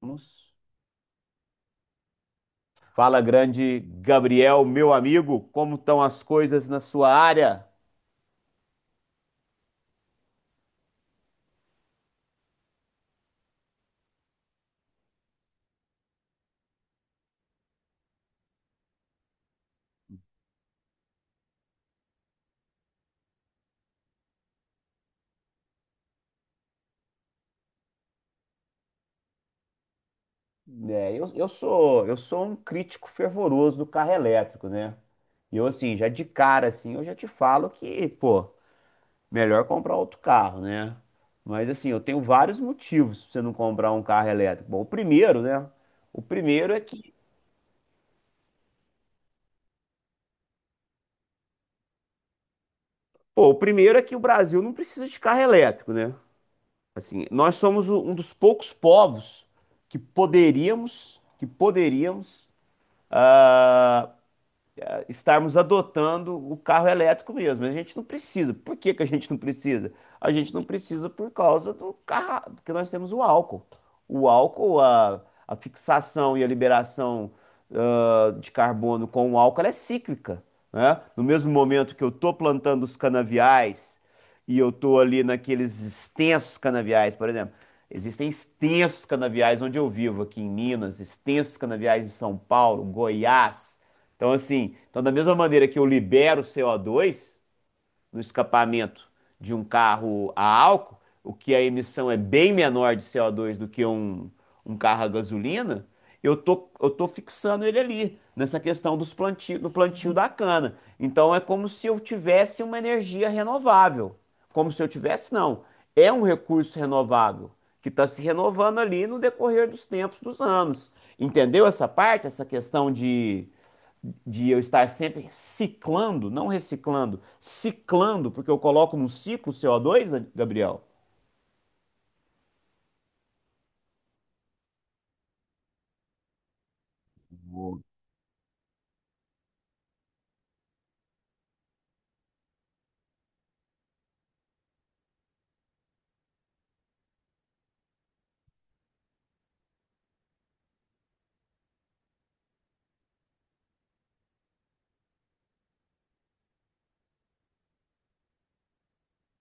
Vamos. Fala, grande Gabriel, meu amigo, como estão as coisas na sua área? Eu sou um crítico fervoroso do carro elétrico, né? E eu assim, já de cara assim, eu já te falo que, pô, melhor comprar outro carro, né? Mas assim, eu tenho vários motivos pra você não comprar um carro elétrico. Bom, o primeiro, né? O primeiro é que, pô, o primeiro é que o Brasil não precisa de carro elétrico, né? Assim, nós somos um dos poucos povos que poderíamos, estarmos adotando o carro elétrico mesmo. A gente não precisa. Por que que a gente não precisa? A gente não precisa por causa do carro, que nós temos o álcool. O álcool, a fixação e a liberação de carbono com o álcool, ela é cíclica, né? No mesmo momento que eu estou plantando os canaviais e eu estou ali naqueles extensos canaviais, por exemplo. Existem extensos canaviais onde eu vivo, aqui em Minas, extensos canaviais em São Paulo, Goiás, então, assim, então da mesma maneira que eu libero CO2 no escapamento de um carro a álcool, o que a emissão é bem menor de CO2 do que um carro a gasolina, eu tô fixando ele ali, nessa questão do plantio da cana. Então, é como se eu tivesse uma energia renovável. Como se eu tivesse, não. É um recurso renovável que está se renovando ali no decorrer dos tempos, dos anos. Entendeu essa parte, essa questão de eu estar sempre ciclando, não reciclando, ciclando, porque eu coloco num ciclo CO2, né, Gabriel?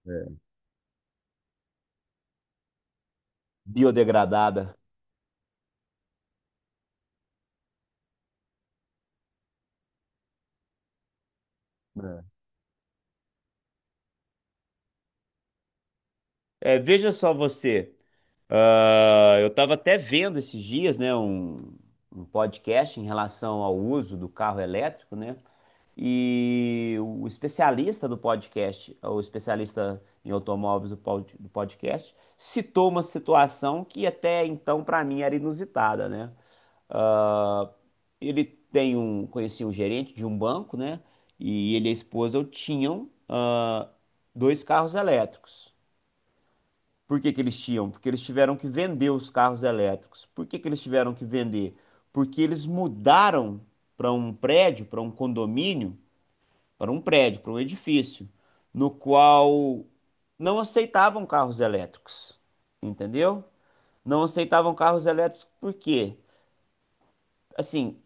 É, biodegradada. É. É, veja só você, eu estava até vendo esses dias, né, um podcast em relação ao uso do carro elétrico, né? E o especialista do podcast, o especialista em automóveis do podcast, citou uma situação que até então para mim era inusitada, né? Ah, ele conhecia um gerente de um banco, né? E ele e a esposa tinham dois carros elétricos. Por que que eles tinham? Porque eles tiveram que vender os carros elétricos. Por que que eles tiveram que vender? Porque eles mudaram para um prédio, para um condomínio, para um prédio, para um edifício, no qual não aceitavam carros elétricos, entendeu? Não aceitavam carros elétricos por quê? Assim,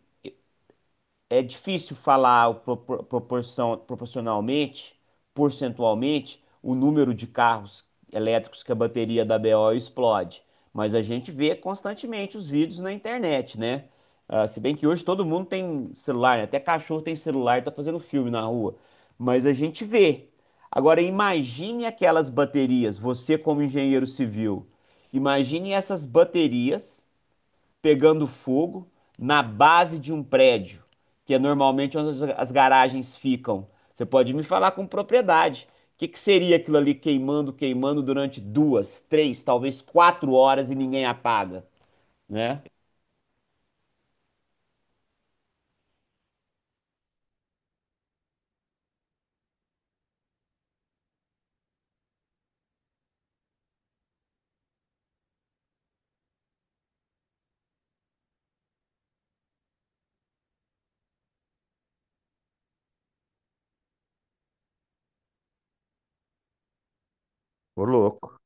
é difícil falar proporção, proporcionalmente, percentualmente, o número de carros elétricos que a bateria da BO explode. Mas a gente vê constantemente os vídeos na internet, né? Ah, se bem que hoje todo mundo tem celular, né? Até cachorro tem celular e tá fazendo filme na rua. Mas a gente vê. Agora, imagine aquelas baterias, você como engenheiro civil. Imagine essas baterias pegando fogo na base de um prédio, que é normalmente onde as garagens ficam. Você pode me falar com propriedade. O que que seria aquilo ali queimando, queimando durante 2, 3, talvez 4 horas e ninguém apaga, né? Ô, louco.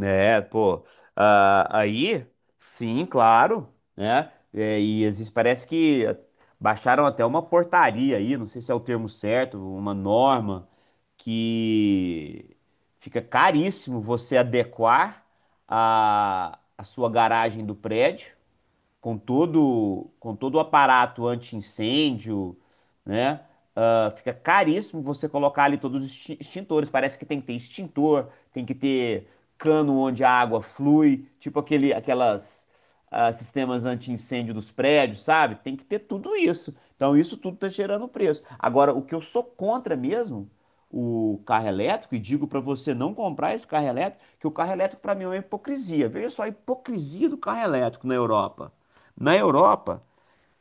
É, pô. Aí, sim, claro, né? É, e existe, parece que baixaram até uma portaria aí, não sei se é o termo certo, uma norma que fica caríssimo você adequar a sua garagem do prédio com todo o aparato anti-incêndio, né? Ah, fica caríssimo você colocar ali todos os extintores. Parece que tem que ter extintor, tem que ter cano onde a água flui, tipo aquelas sistemas anti-incêndio dos prédios, sabe? Tem que ter tudo isso. Então isso tudo tá gerando preço. Agora, o que eu sou contra mesmo, o carro elétrico, e digo para você não comprar esse carro elétrico, que o carro elétrico para mim é uma hipocrisia. Veja só a hipocrisia do carro elétrico na Europa. Na Europa,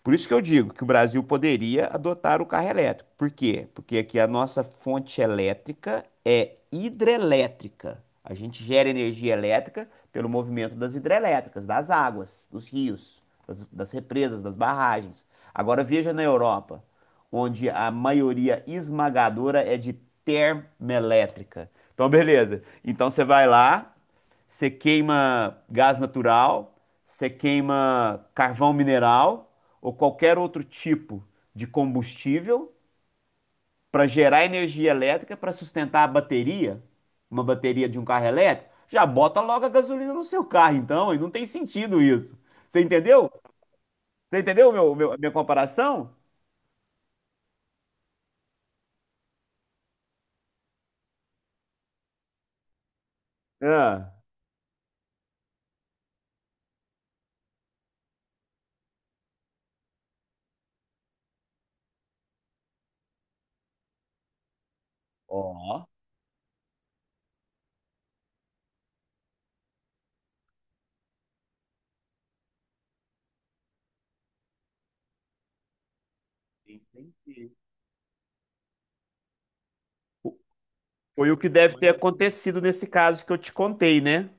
por isso que eu digo que o Brasil poderia adotar o carro elétrico. Por quê? Porque aqui a nossa fonte elétrica é hidrelétrica. A gente gera energia elétrica pelo movimento das hidrelétricas, das águas, dos rios, das represas, das barragens. Agora veja na Europa, onde a maioria esmagadora é de termoelétrica. Então, beleza. Então você vai lá, você queima gás natural, você queima carvão mineral ou qualquer outro tipo de combustível para gerar energia elétrica para sustentar a bateria, uma bateria de um carro elétrico, já bota logo a gasolina no seu carro, então, e não tem sentido isso. Você entendeu? Você entendeu a minha comparação? Ah, ó. Foi o que deve ter acontecido nesse caso que eu te contei, né?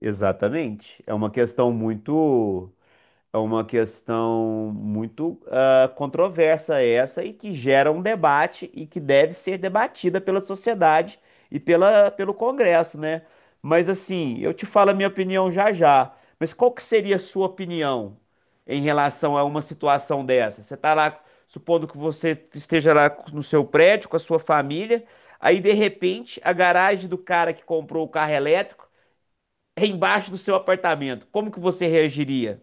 Exatamente. É uma questão muito controversa essa e que gera um debate e que deve ser debatida pela sociedade e pelo Congresso, né? Mas assim, eu te falo a minha opinião já já. Mas qual que seria a sua opinião em relação a uma situação dessa? Você está lá, supondo que você esteja lá no seu prédio com a sua família, aí de repente a garagem do cara que comprou o carro elétrico é embaixo do seu apartamento. Como que você reagiria?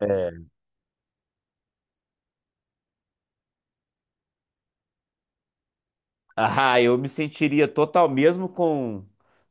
É. Ah, eu me sentiria total, mesmo com,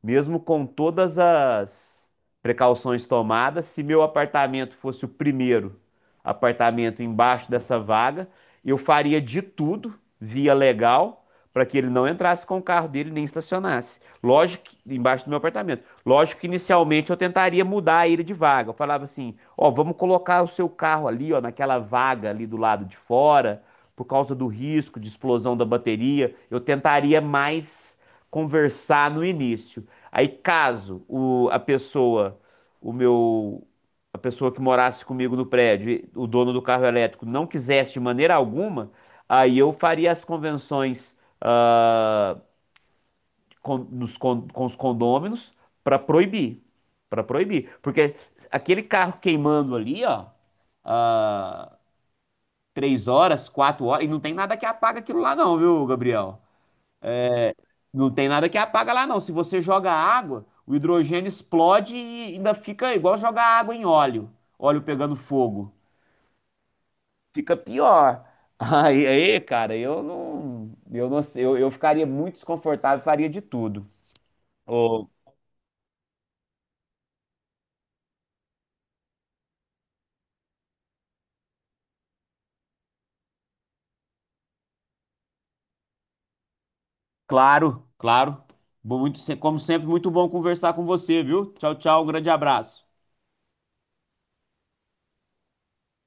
mesmo com todas as precauções tomadas, se meu apartamento fosse o primeiro apartamento embaixo dessa vaga, eu faria de tudo, via legal, para que ele não entrasse com o carro dele nem estacionasse. Lógico, embaixo do meu apartamento. Lógico que inicialmente eu tentaria mudar ele de vaga. Eu falava assim, ó, vamos colocar o seu carro ali, ó, naquela vaga ali do lado de fora por causa do risco de explosão da bateria, eu tentaria mais conversar no início. Aí, caso a pessoa, o meu, a pessoa que morasse comigo no prédio, o dono do carro elétrico, não quisesse de maneira alguma, aí eu faria as convenções ah, com os condôminos para proibir, para proibir, porque aquele carro queimando ali, ó, ah, 3 horas, 4 horas, e não tem nada que apaga aquilo lá não, viu, Gabriel? Não tem nada que apaga lá não. Se você joga água, o hidrogênio explode e ainda fica igual jogar água em óleo, óleo pegando fogo. Fica pior. Aí, cara, eu não sei, eu ficaria muito desconfortável, faria de tudo. Ô, claro, claro. Bom, Muito, se- como sempre, muito bom conversar com você, viu? Tchau, tchau, um grande abraço.